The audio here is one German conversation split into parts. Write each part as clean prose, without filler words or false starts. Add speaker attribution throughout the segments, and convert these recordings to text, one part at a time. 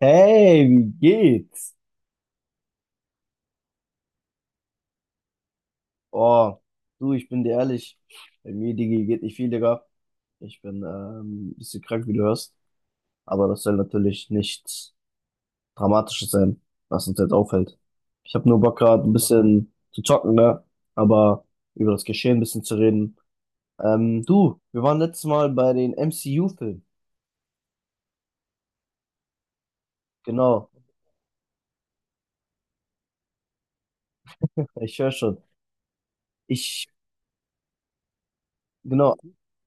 Speaker 1: Hey, wie geht's? Oh, du, ich bin dir ehrlich, bei mir, Digi, geht nicht viel, Digga. Ich bin ein bisschen krank, wie du hörst. Aber das soll natürlich nichts Dramatisches sein, was uns jetzt auffällt. Ich habe nur Bock gerade ein bisschen zu zocken, ne? Aber über das Geschehen ein bisschen zu reden. Du, wir waren letztes Mal bei den MCU-Filmen. Genau, ich höre schon. Ich, genau,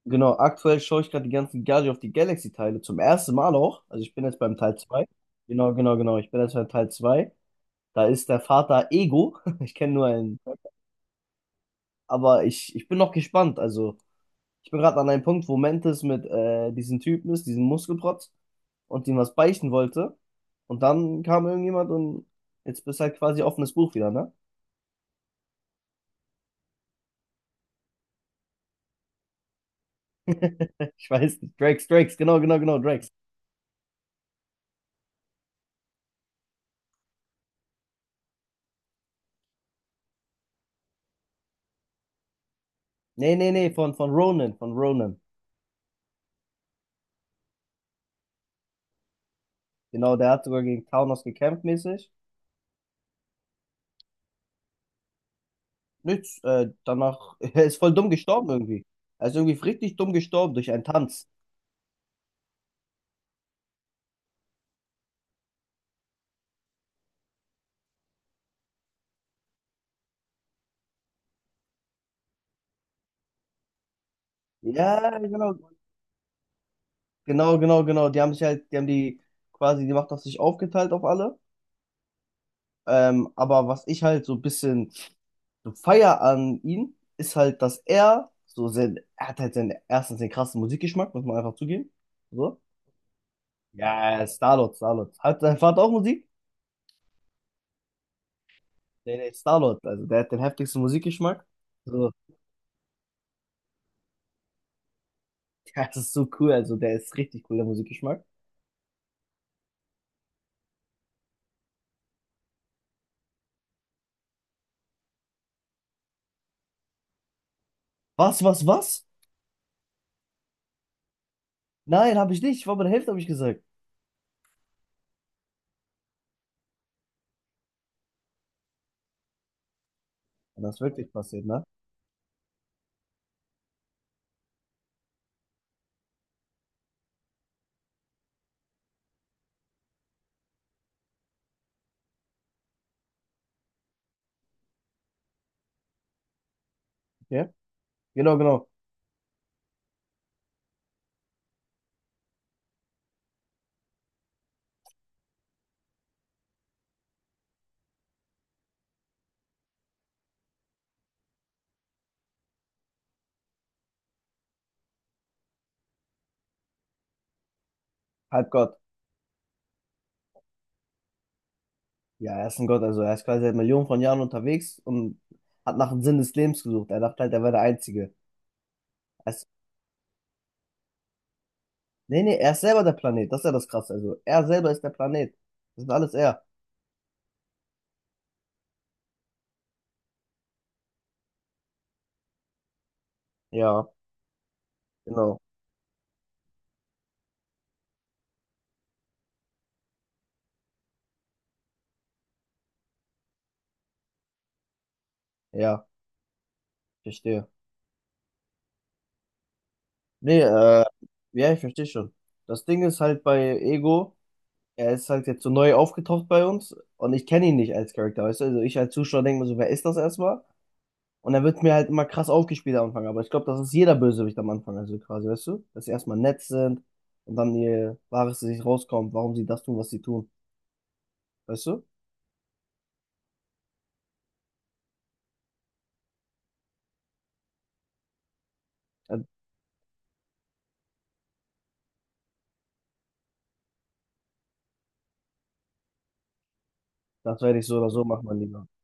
Speaker 1: Genau, aktuell schaue ich gerade die ganzen Guardians of the Galaxy-Teile zum ersten Mal auch. Also ich bin jetzt beim Teil 2. Genau, genau, genau. Ich bin jetzt beim Teil 2. Da ist der Vater Ego. Ich kenne nur einen. Aber ich bin noch gespannt. Also ich bin gerade an einem Punkt, wo Mantis mit diesem Typen ist, diesem Muskelprotz, und ihm was beichten wollte. Und dann kam irgendjemand und jetzt bist halt quasi offenes Buch wieder, ne? Ich weiß nicht. Drax, Drax, genau, genau, genau, Drax. Nee, nee, nee, von Ronan, von Ronan. Genau, der hat sogar gegen Thanos gekämpft mäßig. Nichts. Danach, er ist voll dumm gestorben irgendwie. Er ist irgendwie richtig dumm gestorben durch einen Tanz. Ja, genau, genau, genau, genau. Die haben sich halt, die haben die quasi die Macht auf sich aufgeteilt auf alle. Aber was ich halt so ein bisschen so feier an ihm, ist halt, dass er so sein, er hat halt seinen, erstens den krassen Musikgeschmack, muss man einfach zugeben. So. Ja, Star-Lord, Star-Lord. Hat dein Vater auch Musik? Nee, nee, Star-Lord. Also der hat den heftigsten Musikgeschmack. So, das ist so cool. Also der ist richtig cool, der Musikgeschmack. Was, was, was? Nein, habe ich nicht. Ich war bei der Hälfte, habe ich gesagt. Und das ist wirklich passiert, ne? Okay. Genau, genau. Halbgott. Ja, er ist ein Gott. Also er ist quasi seit Millionen von Jahren unterwegs und hat nach dem Sinn des Lebens gesucht. Er dachte halt, er wäre der Einzige. Er ist, nee, nee, er ist selber der Planet. Das ist ja das Krasse. Also er selber ist der Planet. Das ist alles er. Ja, genau. Ja, verstehe. Nee, ja, ich verstehe schon. Das Ding ist halt bei Ego, er ist halt jetzt so neu aufgetaucht bei uns und ich kenne ihn nicht als Charakter, weißt du? Also ich als Zuschauer denke mir so, wer ist das erstmal? Und dann wird mir halt immer krass aufgespielt am Anfang. Aber ich glaube, das ist jeder Bösewicht am Anfang. Also quasi, weißt du? Dass sie erstmal nett sind und dann ihr wahres Gesicht rauskommt, warum sie das tun, was sie tun. Weißt du? Ja, das werde ich so oder so machen, mein Lieber.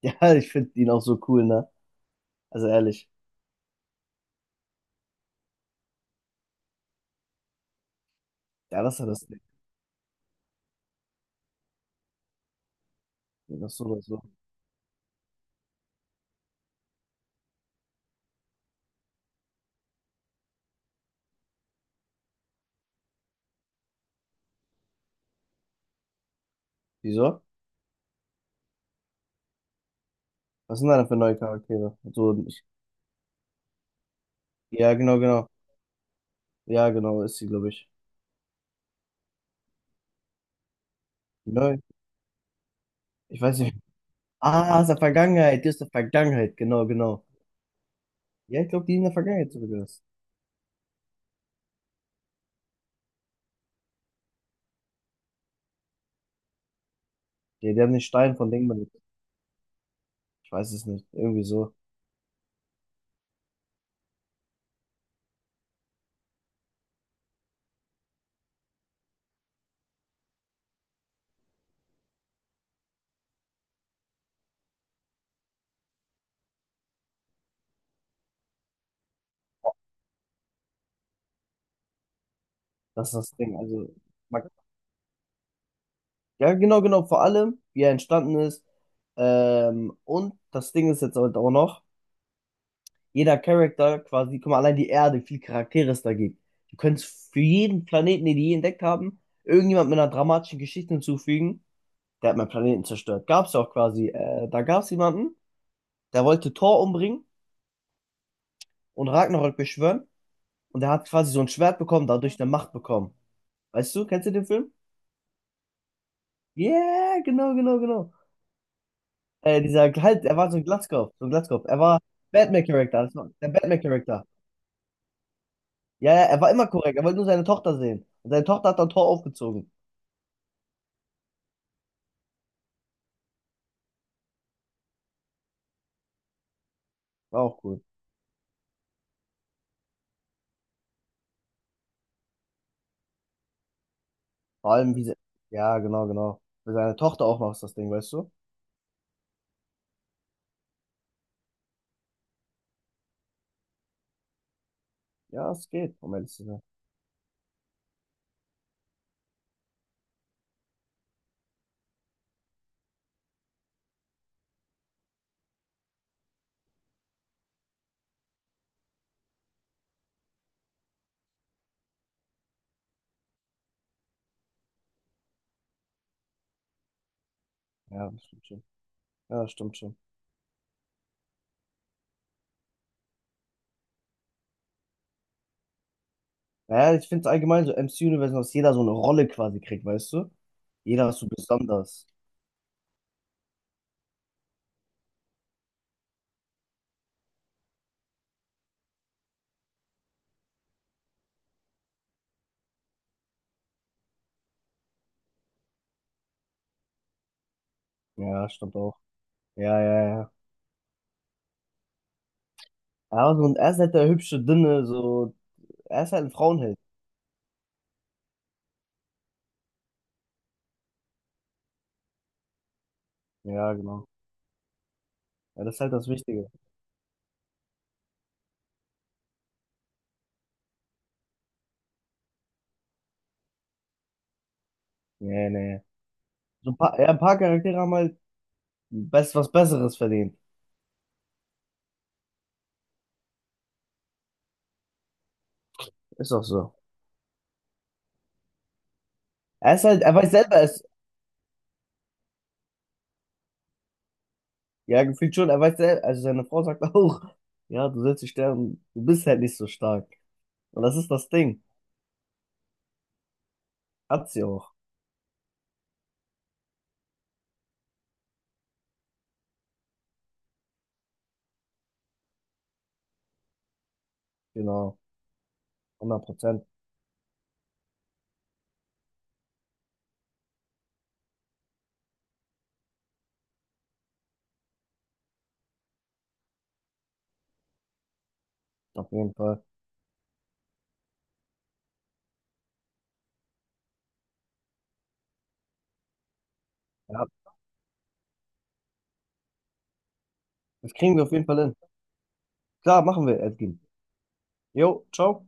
Speaker 1: Ja, ich finde ihn auch so cool, ne? Also ehrlich. Ja, das ist ja das Ding. Das so oder so. Wieso? Was sind da denn für neue Charaktere? So, ich, ja, genau, genau. Ja, genau, ist sie, glaube ich. Neu. Ich weiß nicht. Ah, aus der Vergangenheit. Die ist der Vergangenheit. Genau, genau. Ja, ich glaube, die in der Vergangenheit sogar ist. Ja, die haben den Stein von Dingman. Ich weiß es nicht. Irgendwie so. Das ist das Ding. Also, man, ja, genau, genau. Vor allem, wie er entstanden ist. Und das Ding ist jetzt halt auch noch, jeder Charakter quasi, guck mal, allein die Erde, wie viele Charaktere es da gibt. Du könntest für jeden Planeten, den die je entdeckt haben, irgendjemand mit einer dramatischen Geschichte hinzufügen. Der hat meinen Planeten zerstört. Gab's ja auch quasi. Da gab es jemanden, der wollte Thor umbringen und Ragnarök beschwören. Und der hat quasi so ein Schwert bekommen, dadurch eine Macht bekommen. Weißt du, kennst du den Film? Yeah, genau, genau, genau. Dieser, halt, er war so ein Glatzkopf, so ein Glatzkopf. Er war Batman-Charakter, das war der Batman-Charakter. Ja, ja, er war immer korrekt, er wollte nur seine Tochter sehen. Und seine Tochter hat dann Tor aufgezogen. War auch cool. Vor allem, wie sie, ja, genau, genau. Für seine Tochter auch noch ist das Ding, weißt du? Ja, es geht, um ehrlich zu sein. Ja, das stimmt schon. Ja, das stimmt schon. Naja, ich finde es allgemein so MC-Universum, dass jeder so eine Rolle quasi kriegt, weißt du? Jeder ist so besonders. Ja, stimmt auch. Ja, ja, ja. Er aber so, ein er ist halt der hübsche, dünne, so, er ist halt ein Frauenheld. Ja, genau. Ja, das ist halt das Wichtige. Nee, nee. So ein paar, ja, ein paar Charaktere haben halt best, was Besseres verdient. Ist doch so. Er ist halt, er weiß selber, es, ja, gefühlt schon, er weiß selber, also seine Frau sagt auch, ja, du sollst dich sterben, du bist halt nicht so stark. Und das ist das Ding. Hat sie auch. Genau. 100%. Auf jeden Fall. Ja, das kriegen wir auf jeden Fall hin. Klar, machen wir, Edgin. Jo, ciao.